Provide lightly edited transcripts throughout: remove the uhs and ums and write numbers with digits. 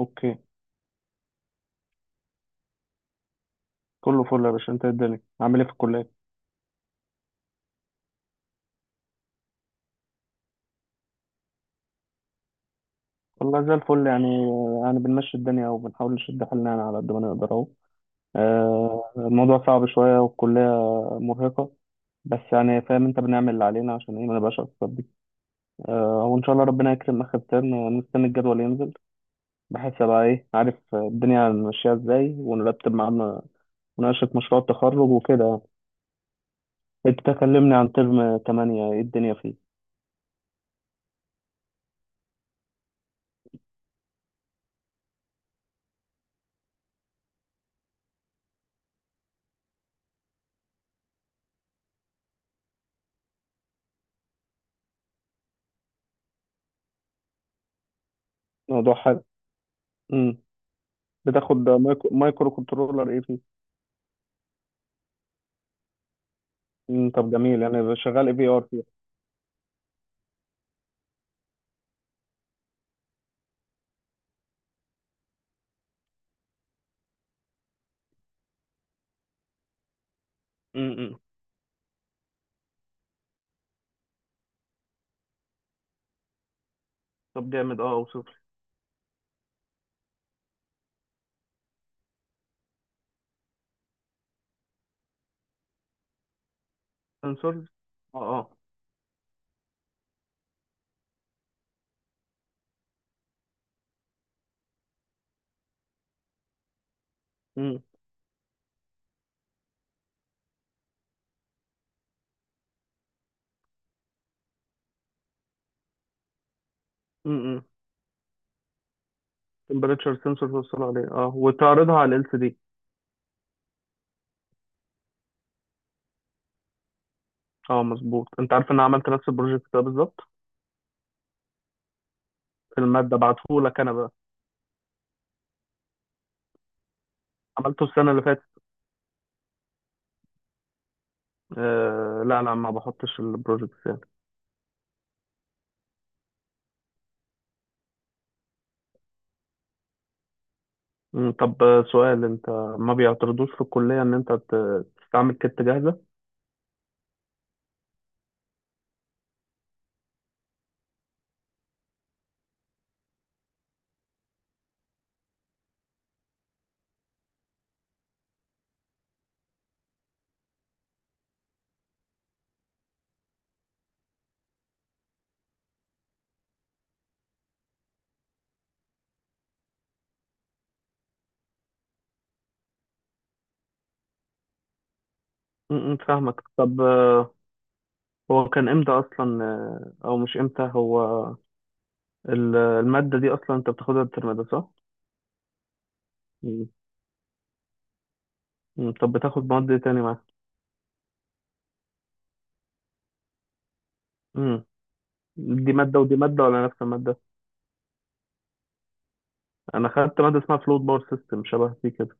اوكي. كله فل يا باشا، انت إيه الدنيا عامل ايه في الكليه؟ والله زي الفل يعني بنمشي الدنيا وبنحاول نشد حالنا يعني على قد ما نقدر اهو. آه، الموضوع صعب شويه والكليه مرهقه، بس يعني فاهم، انت بنعمل اللي علينا عشان ايه ما نبقاش اكتر دي. آه وان شاء الله ربنا يكرم اخر ترم ونستنى الجدول ينزل، بحيث ابقى ايه عارف الدنيا ماشيه ازاي، ونرتب معانا مناقشه مشروع التخرج وكده يعني. انت تكلمني عن ترم 8، ايه الدنيا فيه؟ موضوع حلو. امم. بتاخد مايكرو كنترولر ايه؟ مم، طب جميل، يعني شغال اي في ار فيها. امم. طب جامد، اه اوصف لي. سنسورز. اه، اه. امم. امم. تمبريتشر سنسور توصل عليه اه، وتعرضها على ال سي دي. اه، مظبوط. انت عارف ان انا عملت نفس البروجكت ده بالظبط، في الماده بعتهولك انا بقى، عملته السنه اللي فاتت. آه، لا لا، ما بحطش البروجكت يعني. مم. طب آه، سؤال، انت ما بيعترضوش في الكليه ان انت تستعمل كت جاهزه؟ امم، فاهمك. طب آه، هو كان امتى اصلا، آه، او مش امتى، هو المادة دي أصلا أنت بتاخدها الترم ده صح؟ مم. مم. طب بتاخد مواد إيه تاني معاك؟ مم. دي مادة ودي مادة ولا نفس المادة؟ أنا خدت مادة اسمها فلويد باور سيستم، شبه دي كده.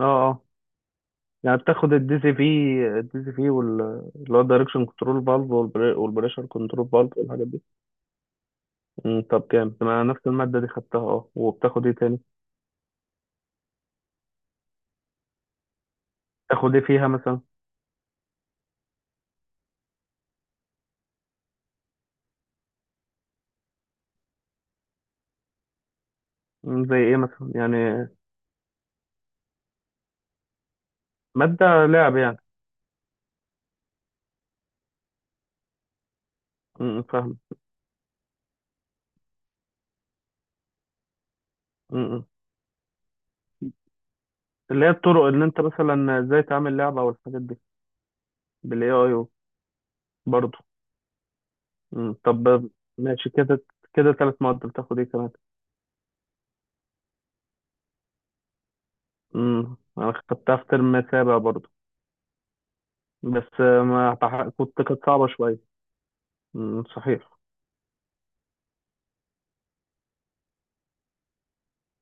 أه. أه. يعني بتاخد الدي سي في، الدي سي في اللي هو الدايركشن كنترول فالف، والبريشر كنترول فالف والحاجات دي. مم. طب كام؟ أنا نفس المادة دي خدتها. أه، وبتاخد إيه تاني؟ تاخد إيه فيها مثلا؟ مم. زي إيه مثلا؟ يعني مادة لعب يعني؟ مم، فاهم. مم. اللي هي الطرق اللي أنت مثلا إزاي تعمل لعبة والحاجات دي، بالاي اي، برضه. مم. طب ماشي كده، كده ثلاث مواد، بتاخد ايه كمان؟ امم، انا خدتها في ترم سابع برضه، بس ما بح- كنت كانت صعبة شوية. مم، صحيح.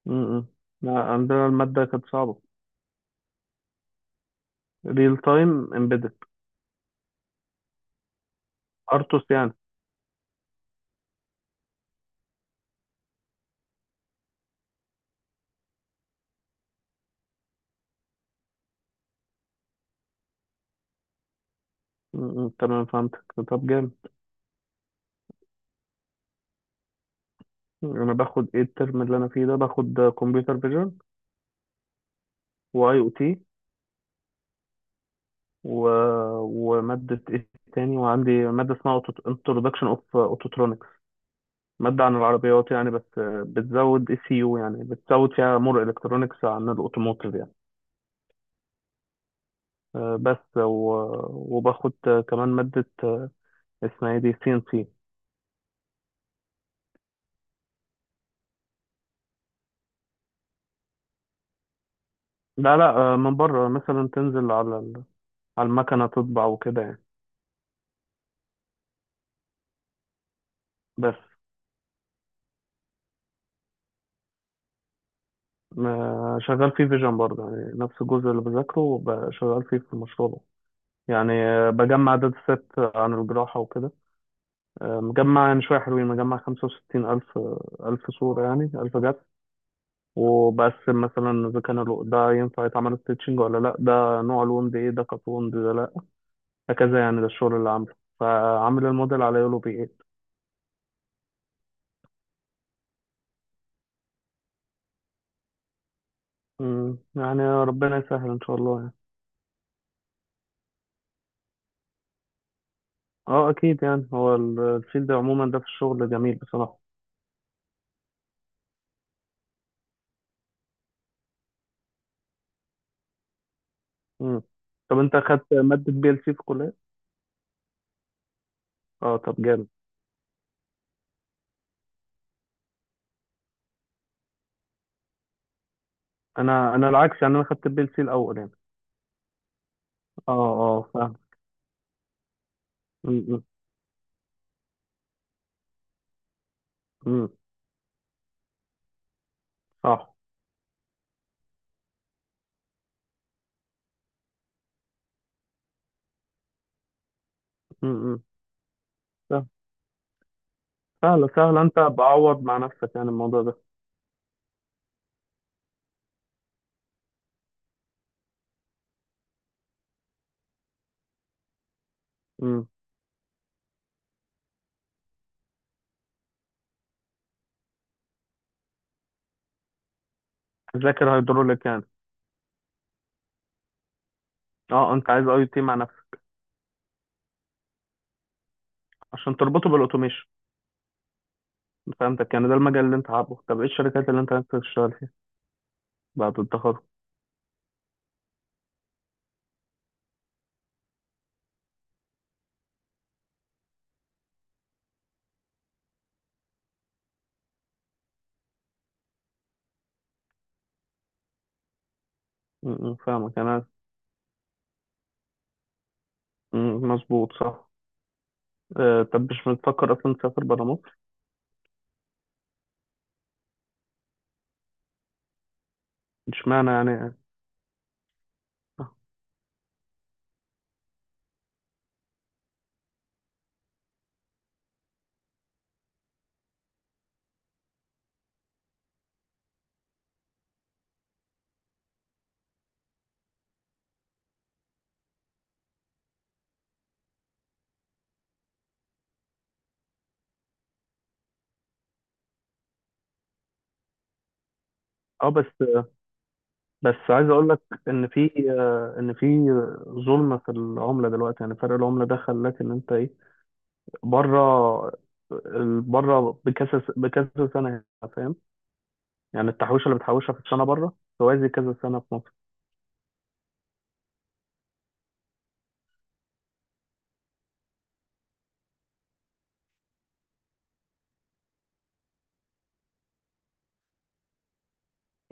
امم. لا، عندنا المادة كانت صعبة. ريل تايم امبيدد. ارتوس يعني؟ مم، تمام، فهمتك. طب جامد، انا باخد ايه الترم اللي انا فيه ده؟ باخد كمبيوتر فيجن، واي او تي، و... ومادة ايه تاني، وعندي مادة اسمها انترودكشن اوف اوتوترونيك، مادة عن العربيات يعني، بس آه، بتزود اي سي يو، يعني بتزود فيها مور الكترونكس عن الاوتوموتيف يعني. آه، بس وباخد آه، كمان مادة آه، اسمها ايه، دي سي ان سي. لا لا، آه، من بره، مثلا تنزل على على المكنة تطبع وكده يعني. بس. آه، شغال فيه فيجن برضه، يعني نفس الجزء اللي بذاكره شغال فيه في المشروع ده يعني. آه، بجمع داتا سيت عن الجراحة وكده. آه، مجمع يعني شوية حلوين، مجمع 65000 ألف، آه، ألف صورة يعني، ألف جدول. وبقسم مثلا إذا كان ده ينفع يتعمل ستيتشنج ولا لأ، ده نوع الوند إيه، ده كانت وند، ده لأ، هكذا يعني. ده الشغل اللي عامله، فعامل الموديل على يولو بي 8. مم، يعني ربنا يسهل إن شاء الله يعني. أه، أكيد يعني، هو الفيلد عموما ده في الشغل جميل بصراحة. مم. طب أنت أخدت مادة بي ال سي في الكلية؟ أه، طب جامد. أنا العكس، يعني أنا أخدت بي ال سي الأول يعني. أه، أه، فاهم. مم، مم. مم، صح. مم، مم. سهل- سهلة سهلة، أنت بعوض مع نفسك يعني الموضوع ده. ذاكر هيدروليك يعني؟ اه، انت عايز اي تي مع نفسك عشان تربطه بالاوتوميشن. فهمتك، يعني ده المجال اللي انت حابه. طب ايه الشركات اللي انت عايز تشتغل فيها بعد التخرج؟ م- م، فاهمك، يعني انا مظبوط، صح. آه، طب مش بتفكر اصلا تسافر برا مصر؟ اشمعنى يعني؟ اه، بس عايز اقول لك ان في آه، ان في ظلم في العمله دلوقتي، يعني فرق العمله ده خلاك ان انت ايه، بره، بره بكذا بكذا سنه هنا، فاهم، يعني التحويشه اللي بتحوشها في السنه بره توازي كذا سنه في مصر.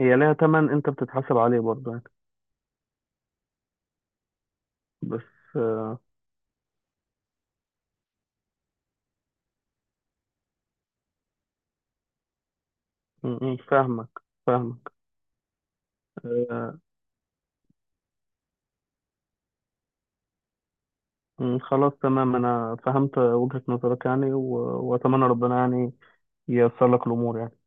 هي ليها تمن انت بتتحاسب عليه برضه يعني. بس آه، م- م، فاهمك، فاهمك. آه، م، خلاص تمام انا فهمت وجهة نظرك يعني، واتمنى ربنا يعني ييسر لك الامور يعني.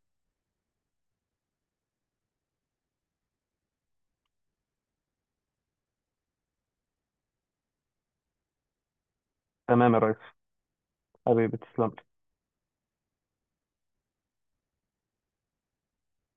تمام يا ريس، حبيبي تسلم.